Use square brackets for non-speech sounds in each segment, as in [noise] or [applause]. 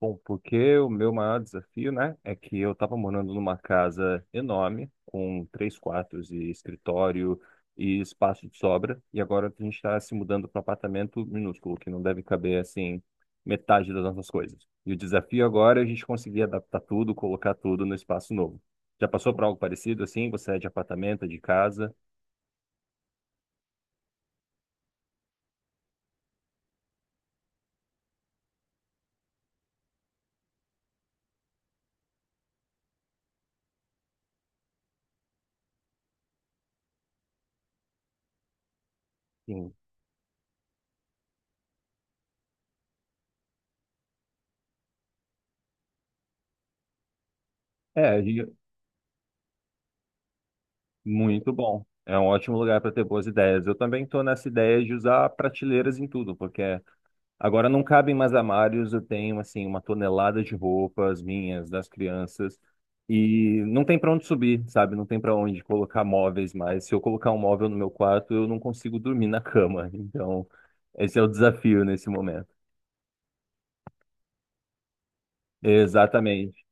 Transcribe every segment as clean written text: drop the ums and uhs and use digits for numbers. Bom, porque o meu maior desafio, né, é que eu estava morando numa casa enorme, com três quartos e escritório e espaço de sobra, e agora a gente está se mudando para um apartamento minúsculo, que não deve caber, assim, metade das nossas coisas. E o desafio agora é a gente conseguir adaptar tudo, colocar tudo no espaço novo. Já passou por algo parecido, assim? Você é de apartamento, é de casa? Sim. É, muito bom. É um ótimo lugar para ter boas ideias. Eu também estou nessa ideia de usar prateleiras em tudo, porque agora não cabem mais armários. Eu tenho assim uma tonelada de roupas minhas, das crianças, e não tem pra onde subir, sabe? Não tem para onde colocar móveis mais. Se eu colocar um móvel no meu quarto, eu não consigo dormir na cama. [laughs] Então, esse é o desafio nesse momento. Exatamente.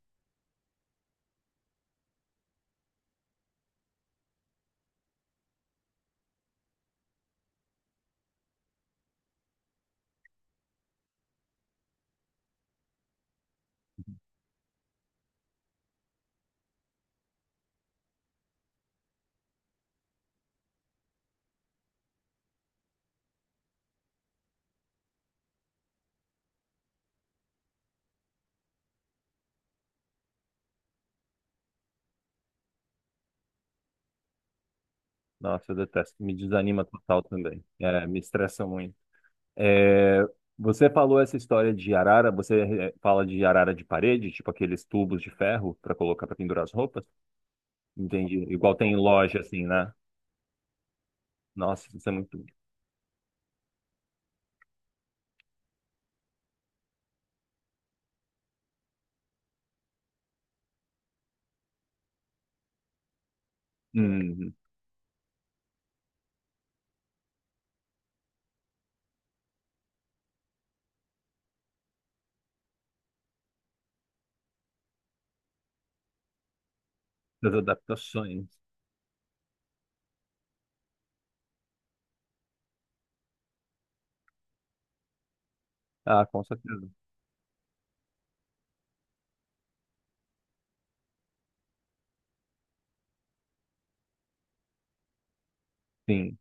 Nossa, eu detesto. Me desanima total também. É, me estressa muito. É, você falou essa história de arara, você fala de arara de parede, tipo aqueles tubos de ferro para colocar para pendurar as roupas? Entendi. Igual tem em loja, assim, né? Nossa, isso é muito. Hum, as adaptações. Ah, com certeza. Sim.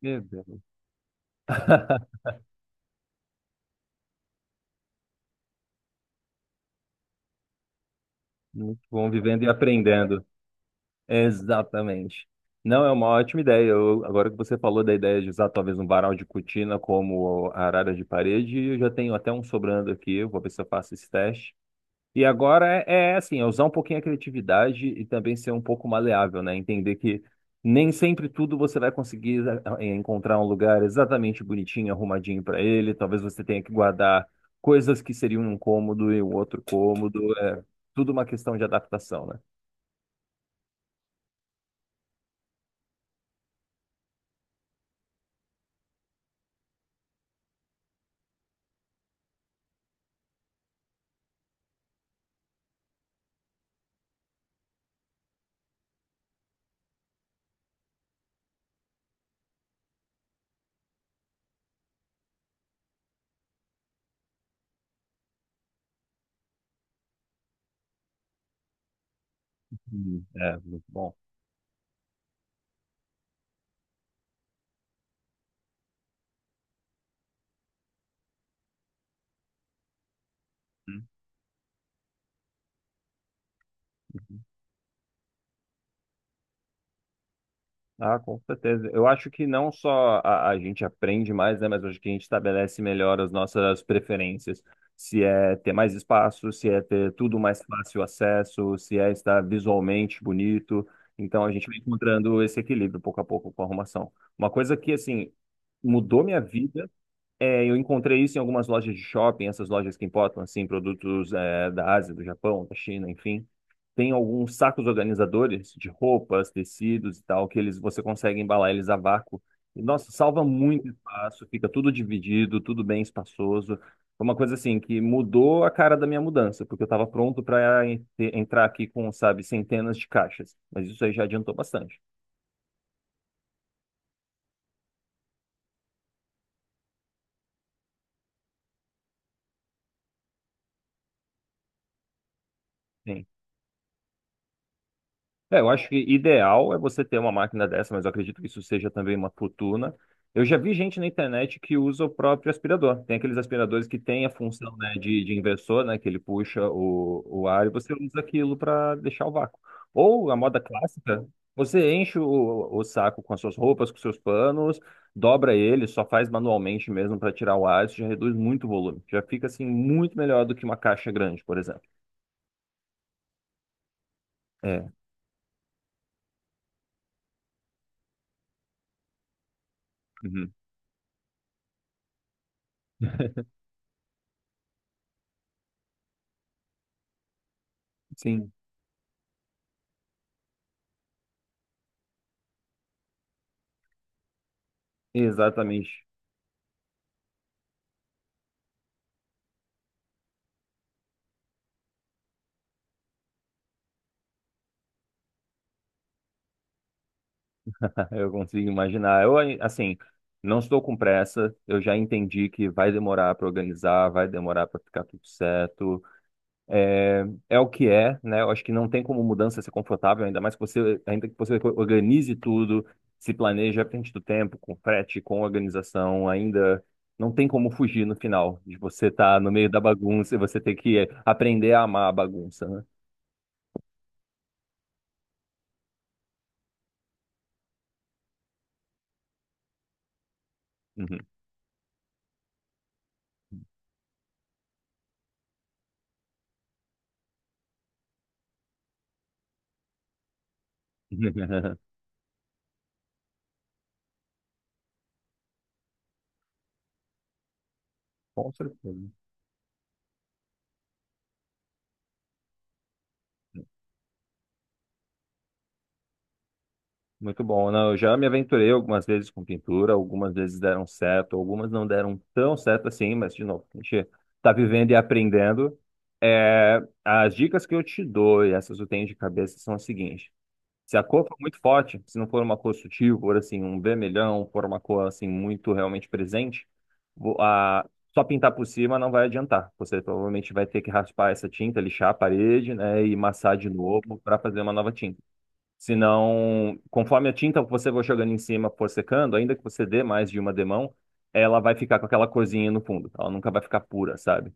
Meu Deus. [laughs] Muito bom, vivendo e aprendendo. Exatamente. Não, é uma ótima ideia. Agora que você falou da ideia de usar talvez um varal de cortina como a arara de parede, eu já tenho até um sobrando aqui. Eu vou ver se eu faço esse teste. E agora é, é assim, é usar um pouquinho a criatividade e também ser um pouco maleável, né? Entender que nem sempre tudo você vai conseguir encontrar um lugar exatamente bonitinho, arrumadinho para ele. Talvez você tenha que guardar coisas que seriam um cômodo e um outro cômodo. É tudo uma questão de adaptação, né? É, muito bom. Hum. Ah, com certeza. Eu acho que não só a gente aprende mais, né, mas acho que a gente estabelece melhor as nossas preferências. Se é ter mais espaço, se é ter tudo mais fácil acesso, se é estar visualmente bonito. Então a gente vai encontrando esse equilíbrio pouco a pouco com a arrumação. Uma coisa que, assim, mudou minha vida é eu encontrei isso em algumas lojas de shopping, essas lojas que importam, assim, produtos, da Ásia, do Japão, da China, enfim, tem alguns sacos organizadores de roupas, tecidos e tal, que eles você consegue embalar eles a vácuo. E, nossa, salva muito espaço, fica tudo dividido, tudo bem espaçoso. Foi uma coisa assim que mudou a cara da minha mudança, porque eu estava pronto para entrar aqui com, sabe, centenas de caixas. Mas isso aí já adiantou bastante. Sim. É, eu acho que ideal é você ter uma máquina dessa, mas eu acredito que isso seja também uma fortuna. Eu já vi gente na internet que usa o próprio aspirador. Tem aqueles aspiradores que têm a função, né, de inversor, né, que ele puxa o ar e você usa aquilo para deixar o vácuo. Ou a moda clássica, você enche o saco com as suas roupas, com seus panos, dobra ele, só faz manualmente mesmo para tirar o ar, isso já reduz muito o volume. Já fica assim muito melhor do que uma caixa grande, por exemplo. É. Uhum. [laughs] Sim, exatamente. Eu consigo imaginar. Eu, assim, não estou com pressa. Eu já entendi que vai demorar para organizar, vai demorar para ficar tudo certo. É, é o que é, né? Eu acho que não tem como mudança ser confortável, ainda mais que você, ainda que você organize tudo, se planeje à frente do tempo, com frete, com organização, ainda não tem como fugir no final de você estar no meio da bagunça e você ter que aprender a amar a bagunça, né? Uhum. [laughs] Com certeza. Muito bom. Não, eu já me aventurei algumas vezes com pintura, algumas vezes deram certo, algumas não deram tão certo assim, mas de novo, a gente está vivendo e aprendendo. É, as dicas que eu te dou, e essas eu tenho de cabeça, são as seguintes. Se a cor for muito forte, se não for uma cor sutil, for assim, um vermelhão, for uma cor assim muito realmente presente, vo- a- só pintar por cima não vai adiantar. Você provavelmente vai ter que raspar essa tinta, lixar a parede, né, e massar de novo para fazer uma nova tinta. Senão, conforme a tinta que você vai jogando em cima for secando, ainda que você dê mais de uma demão, ela vai ficar com aquela corzinha no fundo. Ela nunca vai ficar pura, sabe?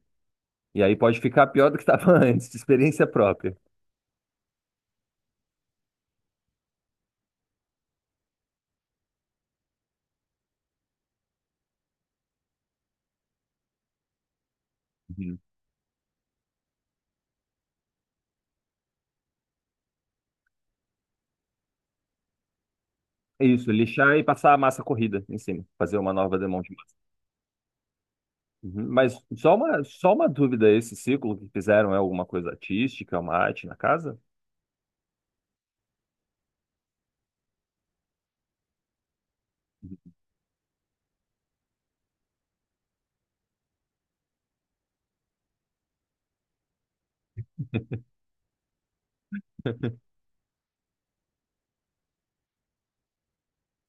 E aí pode ficar pior do que estava [laughs] antes, de experiência própria. Uhum. Isso, lixar e passar a massa corrida em cima, fazer uma nova demão de massa. Uhum. Mas só uma dúvida, esse ciclo que fizeram é alguma coisa artística, uma arte na casa?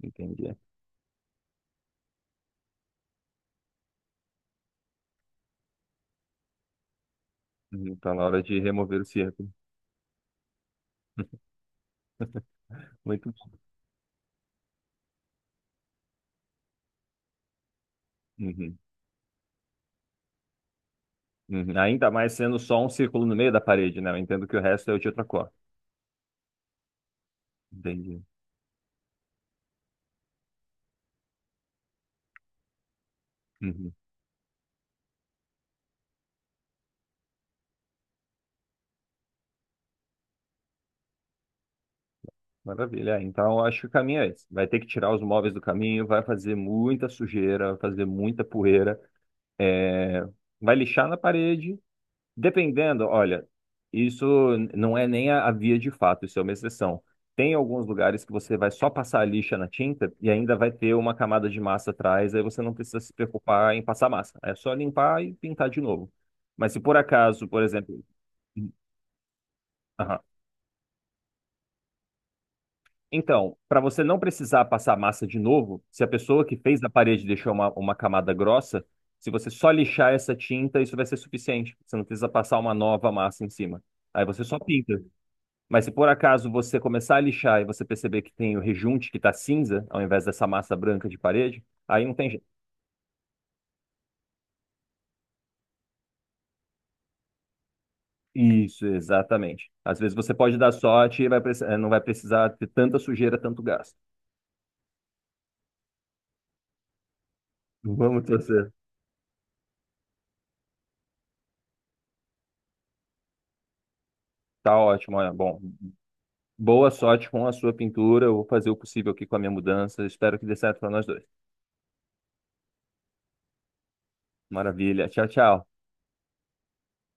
Entendi. Uhum. Tá na hora de remover o círculo. [laughs] Muito bom. Uhum. Uhum. Ainda mais sendo só um círculo no meio da parede, né? Eu entendo que o resto é de outra cor. Entendi. Uhum. Maravilha. É, então, eu acho que o caminho é esse. Vai ter que tirar os móveis do caminho, vai fazer muita sujeira, vai fazer muita poeira, é, vai lixar na parede. Dependendo, olha, isso não é nem a via de fato, isso é uma exceção. Tem alguns lugares que você vai só passar a lixa na tinta e ainda vai ter uma camada de massa atrás, aí você não precisa se preocupar em passar massa. É só limpar e pintar de novo. Mas se por acaso, por exemplo. Aham. Então, para você não precisar passar massa de novo, se a pessoa que fez na parede deixou uma camada grossa, se você só lixar essa tinta, isso vai ser suficiente. Você não precisa passar uma nova massa em cima. Aí você só pinta. Mas se por acaso você começar a lixar e você perceber que tem o rejunte que está cinza, ao invés dessa massa branca de parede, aí não tem jeito. Isso, exatamente. Às vezes você pode dar sorte e vai não vai precisar ter tanta sujeira, tanto gasto. Vamos torcer. Tá ótimo, olha. Bom, boa sorte com a sua pintura. Eu vou fazer o possível aqui com a minha mudança. Espero que dê certo para nós dois. Maravilha. Tchau, tchau.